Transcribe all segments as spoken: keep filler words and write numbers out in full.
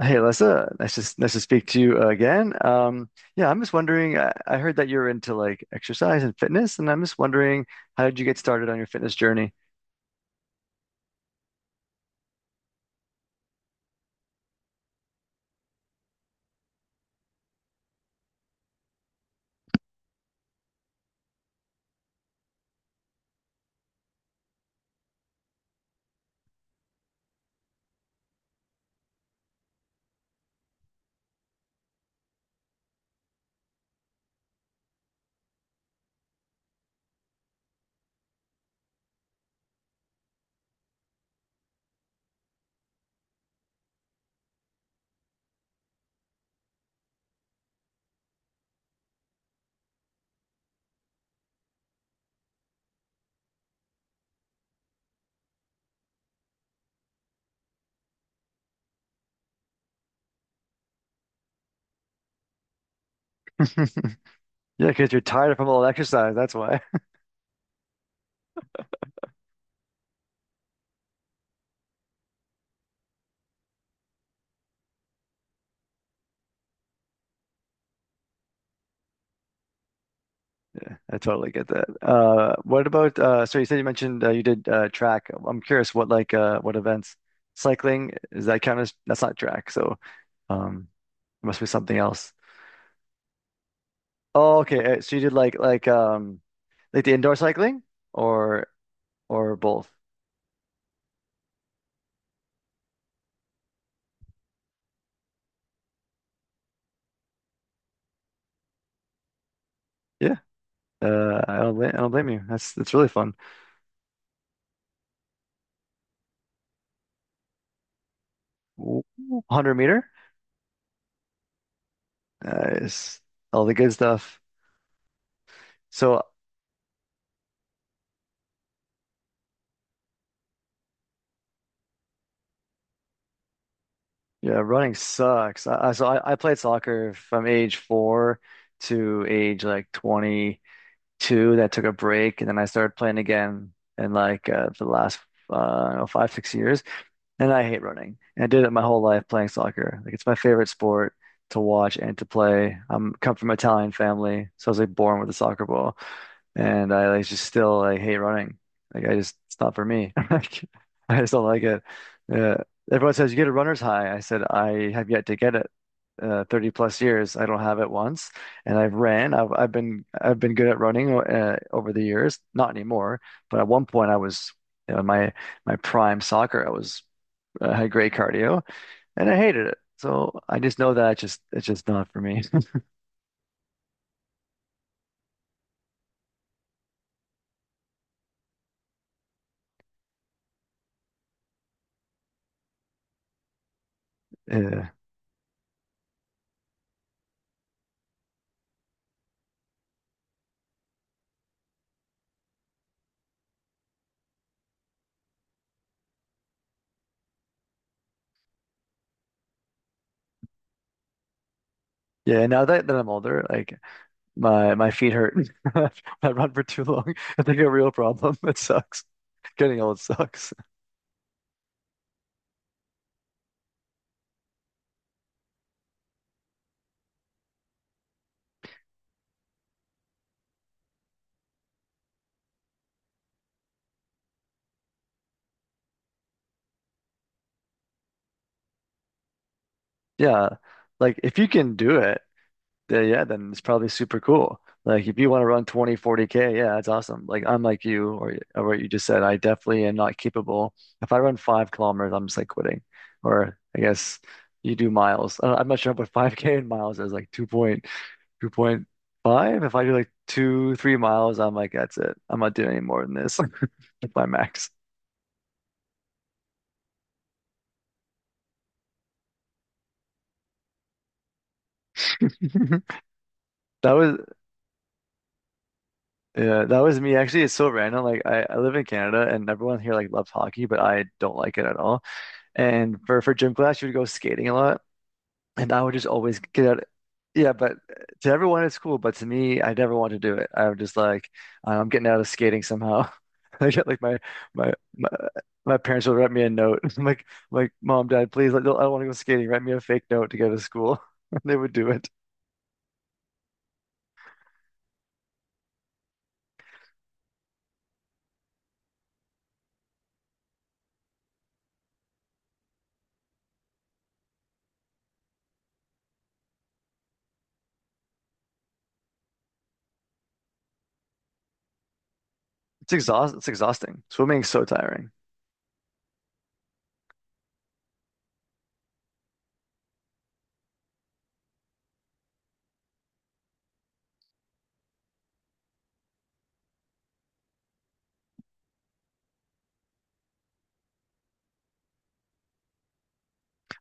Hey, Alyssa, nice to nice to speak to you again. Um, yeah, I'm just wondering. I, I heard that you're into like exercise and fitness, and I'm just wondering how did you get started on your fitness journey? Yeah, because you're tired from all the exercise. That's why. I totally get that. Uh, what about? Uh, so you said you mentioned uh, you did uh, track. I'm curious what like uh, what events? Cycling is that kind of that's not track. So um, it must be something else. Oh, okay. uh, So you did like like um like the indoor cycling or or both? Yeah. Uh, I don't blame, I don't blame you. That's that's really fun. Ooh, one hundred meter, nice. All the good stuff. So yeah, running sucks. I, I so I, I played soccer from age four to age like twenty-two. That took a break, and then I started playing again in like uh, the last uh, I don't know, five six years. And I hate running. And I did it my whole life playing soccer. Like it's my favorite sport to watch and to play. I'm come from an Italian family, so I was like born with a soccer ball. And I like just still like hate running. Like I just it's not for me. Like I just don't like it. Uh, Everyone says you get a runner's high. I said I have yet to get it. Uh, thirty plus years, I don't have it once, and I've ran. I've I've been I've been good at running uh, over the years. Not anymore, but at one point I was, you know, in my my prime soccer. I was uh, had great cardio, and I hated it. So I just know that it's just it's just not for me. Uh, yeah, now that, that I'm older, like My my feet hurt. I run for too long. It's like a real problem. It sucks. Getting old sucks. Yeah. Like if you can do it, then yeah, then it's probably super cool. Like if you want to run twenty, forty k, yeah, that's awesome. Like I'm like you or, or what you just said, I definitely am not capable. If I run five kilometers, I'm just like quitting. Or I guess you do miles. I don't- I'm not sure what five K in miles is, like two. two point five. If I do like two, three miles, I'm like, that's it. I'm not doing any more than this. That's my max. That was Yeah, that was me. Actually, it's so random. Like I, I live in Canada and everyone here like loves hockey, but I don't like it at all. And for for gym class, you would go skating a lot. And I would just always get out. Yeah, but to everyone it's cool, but to me, I never want to do it. I would just like, uh, I'm getting out of skating somehow. I get like my my my, my parents will write me a note. I'm like I'm like mom, dad, please, I don't want to go skating. Write me a fake note to go to school. They would do it. It's exhaust. It's exhausting. Swimming is so tiring.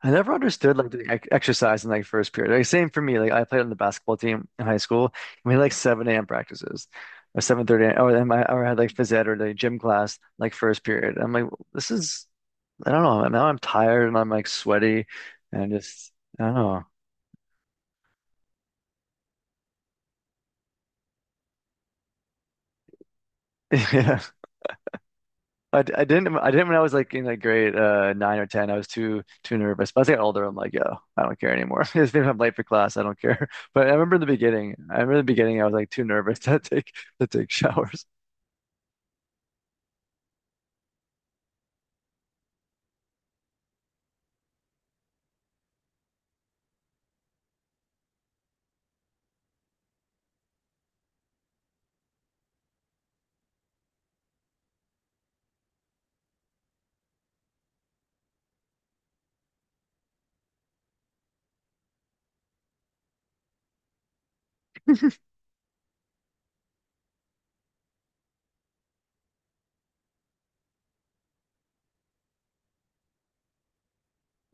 I never understood like the ex exercise in like first period. Like same for me. Like I played on the basketball team in high school. We had like seven a m practices or seven thirty a m or then I or I had like phys ed or the gym class like first period. I'm like, this is I don't know. Now I'm tired and I'm like sweaty and just I don't know. Yeah. I, d- I didn't I didn't when I was like in like grade uh nine or ten. I was too too nervous. But as I got older, I'm like, yo, I don't care anymore. If I'm late for class, I don't care. But I remember in the beginning, I remember in the beginning I was like too nervous to take to take showers.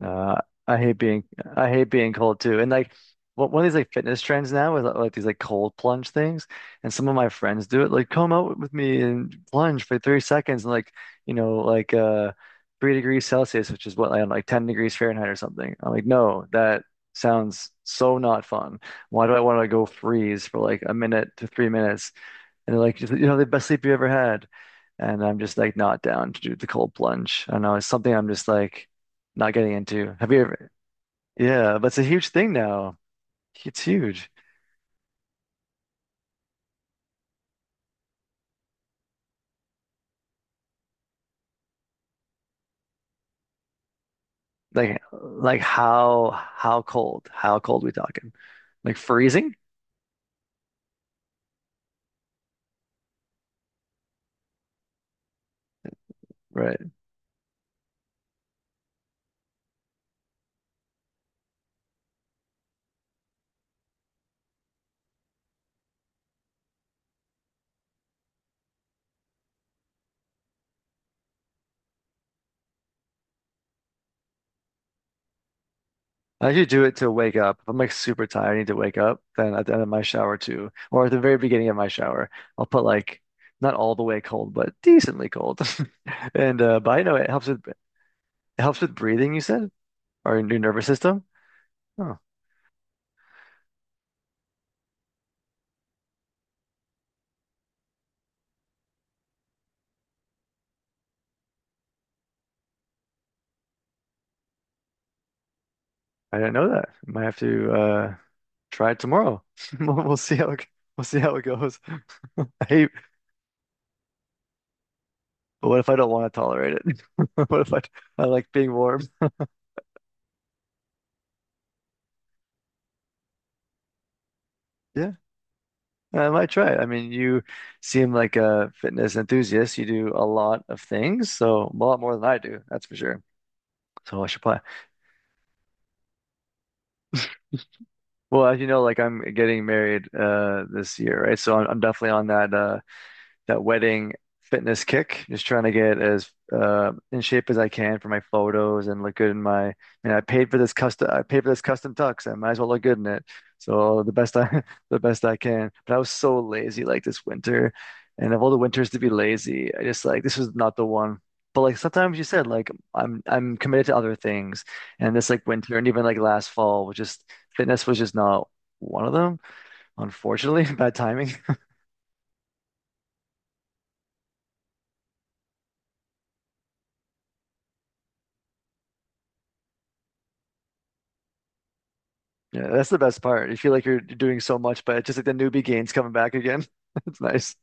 Uh, I hate being I hate being cold too. And like one one of these like fitness trends now is like these like cold plunge things. And some of my friends do it. Like come out with me and plunge for thirty seconds and like, you know, like uh three degrees Celsius, which is what I don't know, like ten degrees Fahrenheit or something. I'm like, no, that sounds so not fun. Why do I want to go freeze for like a minute to three minutes and they're like, you know, the best sleep you ever had. And I'm just like not down to do the cold plunge. I know. It's something I'm just like not getting into. Have you ever? Yeah, but it's a huge thing now. It's huge. Like, like how how cold? How cold we talking? Like freezing? Right. I usually do it to wake up. If I'm like super tired, I need to wake up. Then at the end of my shower too, or at the very beginning of my shower, I'll put like not all the way cold, but decently cold. And uh, but I know it helps with it helps with breathing. You said? Our new nervous system? Oh, I didn't know that. Might have to uh try it tomorrow. We'll, we'll see how it, we'll see how it goes. I hate, but what if I don't want to tolerate it? What if I I like being warm? Yeah, I might try it. I mean, you seem like a fitness enthusiast. You do a lot of things, so a lot more than I do, that's for sure. So I should play. Well, as you know, like I'm getting married uh this year, right? So I'm, I'm definitely on that uh that wedding fitness kick, just trying to get as uh, in shape as I can for my photos and look good in my. I mean, I paid for this custom. I paid for this custom tux. I might as well look good in it. So the best I, the best I can. But I was so lazy like this winter, and of all the winters to be lazy, I just like this was not the one. But like sometimes you said, like I'm I'm committed to other things, and this like winter and even like last fall was just fitness was just not one of them, unfortunately. Bad timing. Yeah, that's the best part. You feel like you're doing so much, but it's just like the newbie gains coming back again. It's nice.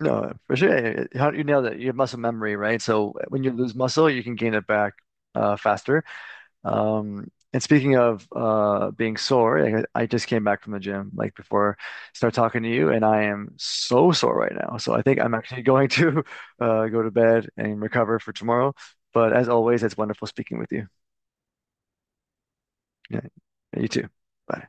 No, for sure. You you nailed it. You have muscle memory, right? So when you lose muscle, you can gain it back uh, faster. Um, and speaking of uh, being sore, like, I, I just came back from the gym like before I start talking to you, and I am so sore right now. So I think I'm actually going to uh, go to bed and recover for tomorrow. But as always, it's wonderful speaking with you. Yeah, you too. Bye.